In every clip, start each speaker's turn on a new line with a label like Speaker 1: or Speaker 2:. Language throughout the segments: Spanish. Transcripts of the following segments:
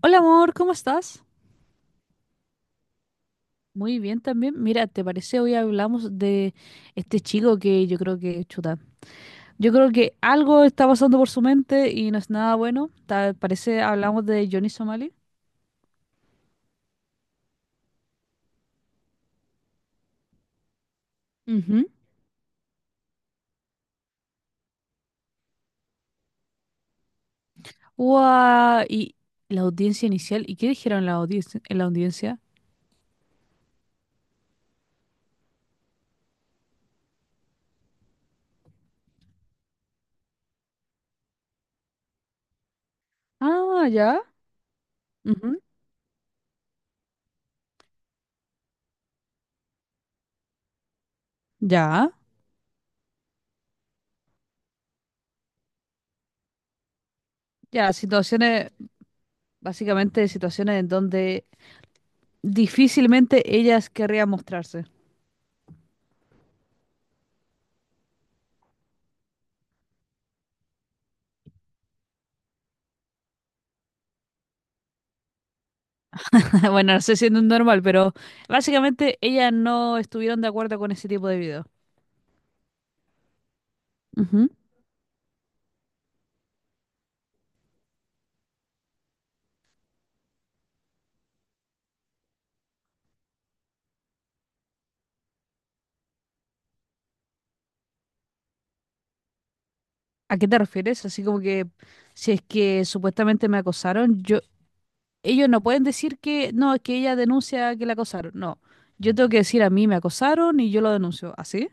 Speaker 1: Hola amor, ¿cómo estás? Muy bien también. Mira, ¿te parece hoy hablamos de este chico que yo creo que chuta? Yo creo que algo está pasando por su mente y no es nada bueno. ¿Te parece hablamos de Johnny Somali? Ujú. ¡Guau! Y la audiencia inicial. ¿Y qué dijeron en la audiencia? ¿En la audiencia? Ah, ya. Ujú. Ya. Ya, situaciones, básicamente situaciones en donde difícilmente ellas querrían mostrarse. Bueno, no sé si no es normal, pero básicamente ellas no estuvieron de acuerdo con ese tipo de video. Ujú. ¿A qué te refieres? Así como que si es que supuestamente me acosaron, yo, ellos no pueden decir que no, es que ella denuncia que la acosaron. No, yo tengo que decir a mí me acosaron y yo lo denuncio. ¿Así?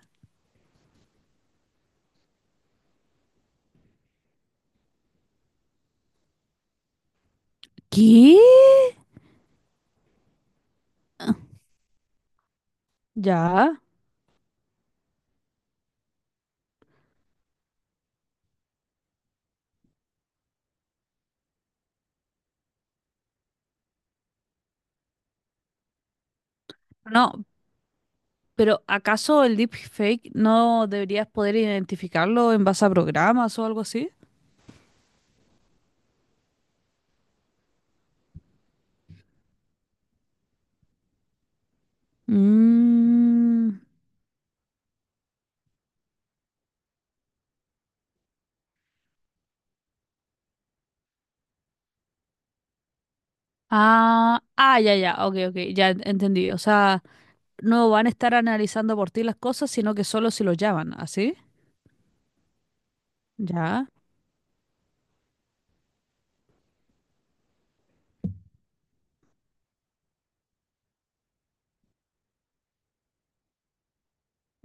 Speaker 1: ¿Qué? Ya. No, pero ¿acaso el deepfake no deberías poder identificarlo en base a programas o algo así? Mm. Ah, ah, ya, ya, ok, ok, ya entendí. O sea, no van a estar analizando por ti las cosas, sino que solo si los llaman, ¿así? Ya.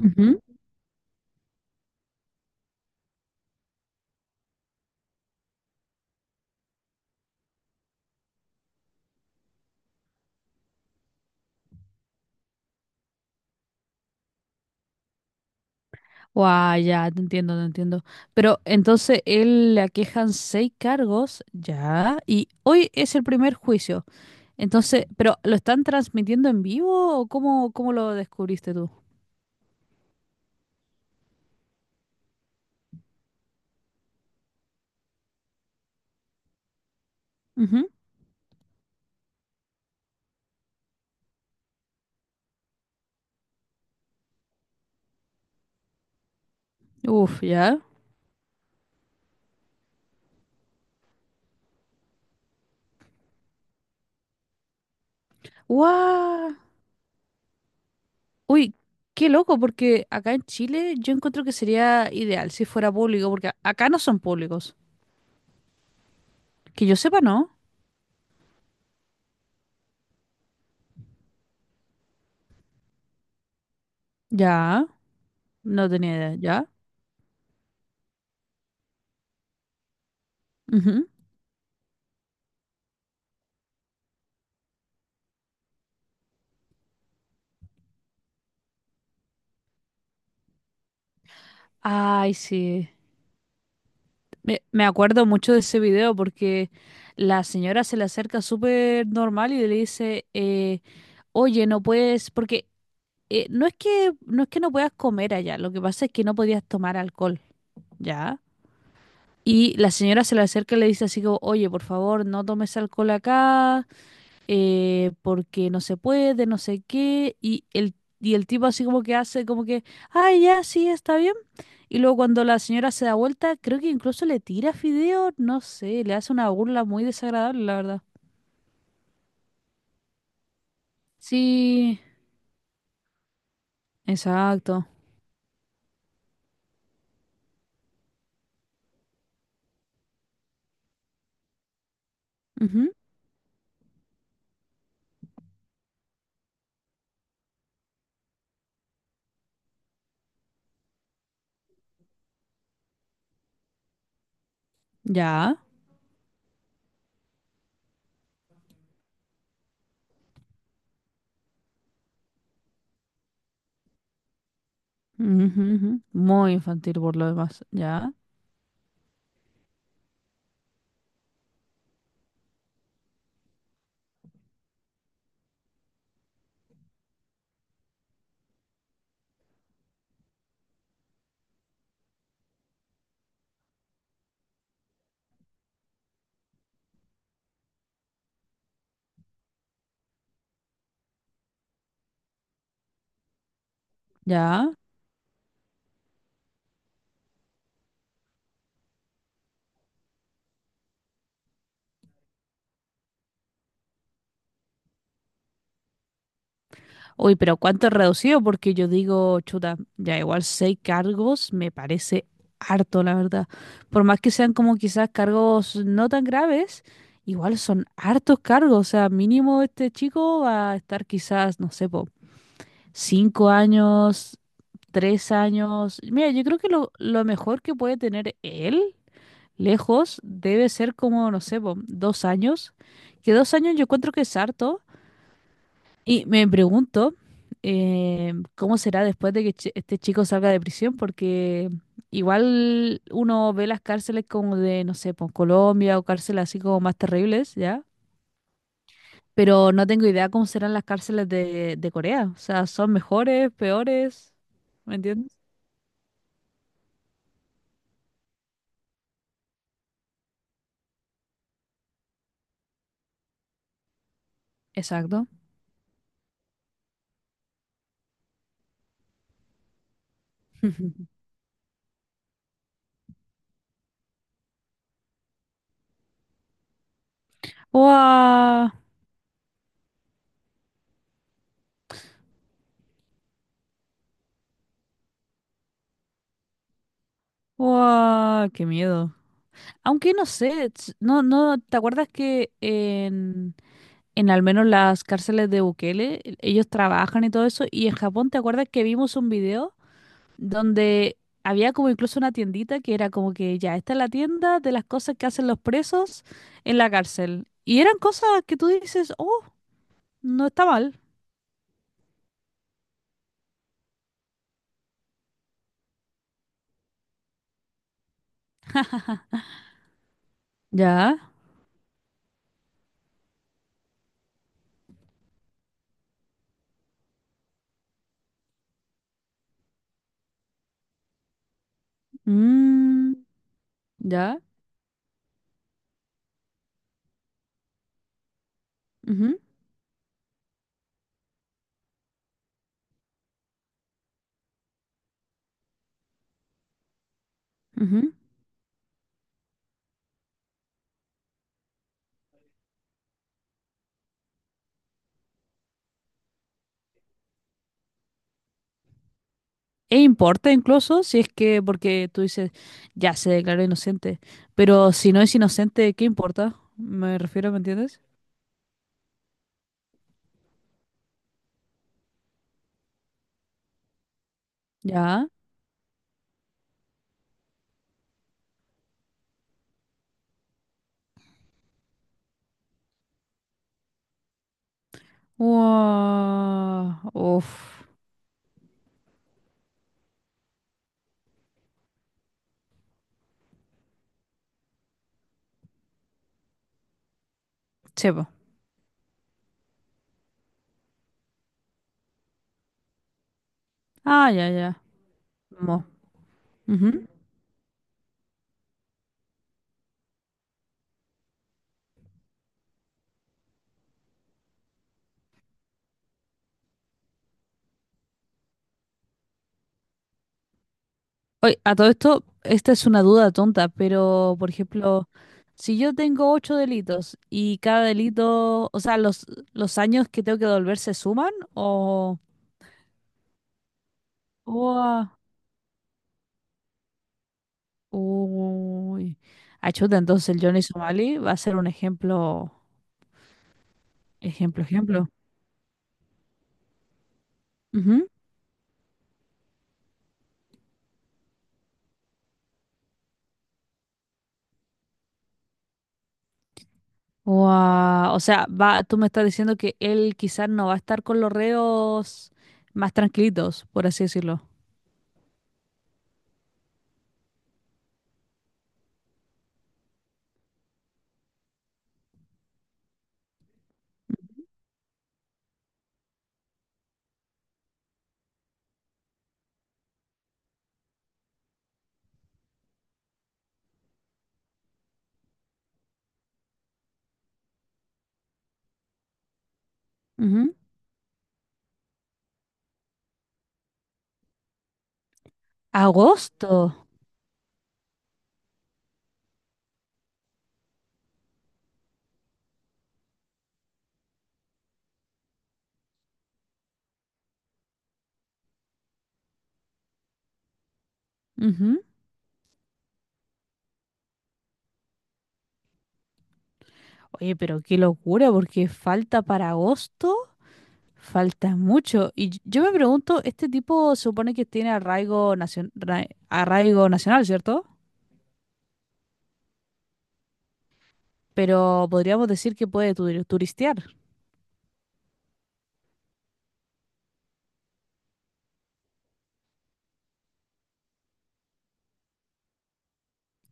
Speaker 1: Ujú. Guau, ya, te entiendo, te entiendo. Pero entonces él le aquejan seis cargos, ya, y hoy es el primer juicio. Entonces, ¿pero lo están transmitiendo en vivo o cómo, cómo lo descubriste tú? Ujú. Uf, ya. ¡Guau! Uy, qué loco, porque acá en Chile yo encuentro que sería ideal si fuera público, porque acá no son públicos. Que yo sepa, no. Ya, no tenía idea, ya. Ujú. Ay, sí. Me acuerdo mucho de ese video porque la señora se le acerca súper normal y le dice, oye, no puedes, porque no es que no puedas comer allá, lo que pasa es que no podías tomar alcohol, ¿ya? Y la señora se le acerca y le dice así como, oye, por favor, no tomes alcohol acá, porque no se puede, no sé qué, y el tipo así como que hace como que, ay, ya, sí, está bien. Y luego cuando la señora se da vuelta, creo que incluso le tira fideo, no sé, le hace una burla muy desagradable, la verdad. Sí, exacto. Ujú. Ya. Ujú, ujú. Muy infantil por lo demás. Ya, ya. Uy, pero ¿cuánto es reducido? Porque yo digo, chuta, ya igual seis cargos me parece harto, la verdad. Por más que sean como quizás cargos no tan graves, igual son hartos cargos. O sea, mínimo este chico va a estar quizás, no sé, po, cinco años, tres años. Mira, yo creo que lo mejor que puede tener él lejos debe ser como, no sé, po, dos años. Que dos años yo encuentro que es harto. Y me pregunto cómo será después de que este chico salga de prisión, porque igual uno ve las cárceles como de, no sé, pues Colombia o cárceles así como más terribles, ¿ya? Pero no tengo idea cómo serán las cárceles de Corea. O sea, ¿son mejores, peores? ¿Me entiendes? Exacto. ¡Wow! ¡Wow! ¡Qué miedo! Aunque no sé, no, no, ¿te acuerdas que en al menos las cárceles de Bukele, ellos trabajan y todo eso? Y en Japón, ¿te acuerdas que vimos un video donde había como incluso una tiendita que era como que ya, esta es la tienda de las cosas que hacen los presos en la cárcel? Y eran cosas que tú dices, oh, no está mal. Ya, mm, ya, ujú, ujú. E importa incluso si es que, porque tú dices, ya se declaró inocente, pero si no es inocente, ¿qué importa? Me refiero, ¿me entiendes? Ya. Wow. Uf. Chepo. Ah, ya, ya. Mo. Ujú. Oye, a todo esto, esta es una duda tonta, pero por ejemplo, si yo tengo ocho delitos y cada delito, o sea, los años que tengo que devolver se suman o... Ua. Uy. Achuta, entonces el Johnny Somali va a ser un ejemplo, ejemplo, ejemplo. Ujú. Guau, o sea, va, tú me estás diciendo que él quizás no va a estar con los reos más tranquilitos, por así decirlo. Ujú. Agosto. Ujú. Oye, pero qué locura, porque falta para agosto, falta mucho. Y yo me pregunto, este tipo supone que tiene arraigo, arraigo nacional, ¿cierto? Pero podríamos decir que puede turistear.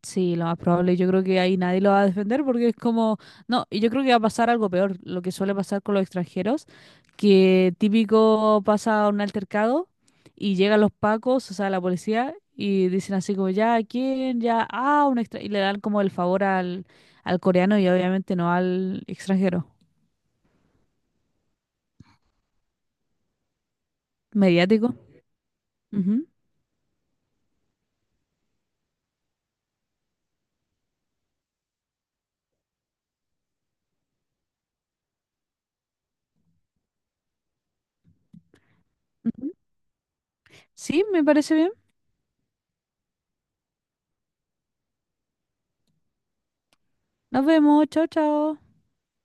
Speaker 1: Sí, lo más probable, yo creo que ahí nadie lo va a defender porque es como, no, y yo creo que va a pasar algo peor, lo que suele pasar con los extranjeros, que típico pasa un altercado y llegan los pacos, o sea, la policía, y dicen así como, ya, ¿a ¿quién? Ya, ah, un extra, y le dan como el favor al, al coreano y obviamente no al extranjero. Mediático. Ujú, ujú. Sí, me parece bien. Nos vemos, chao, chao.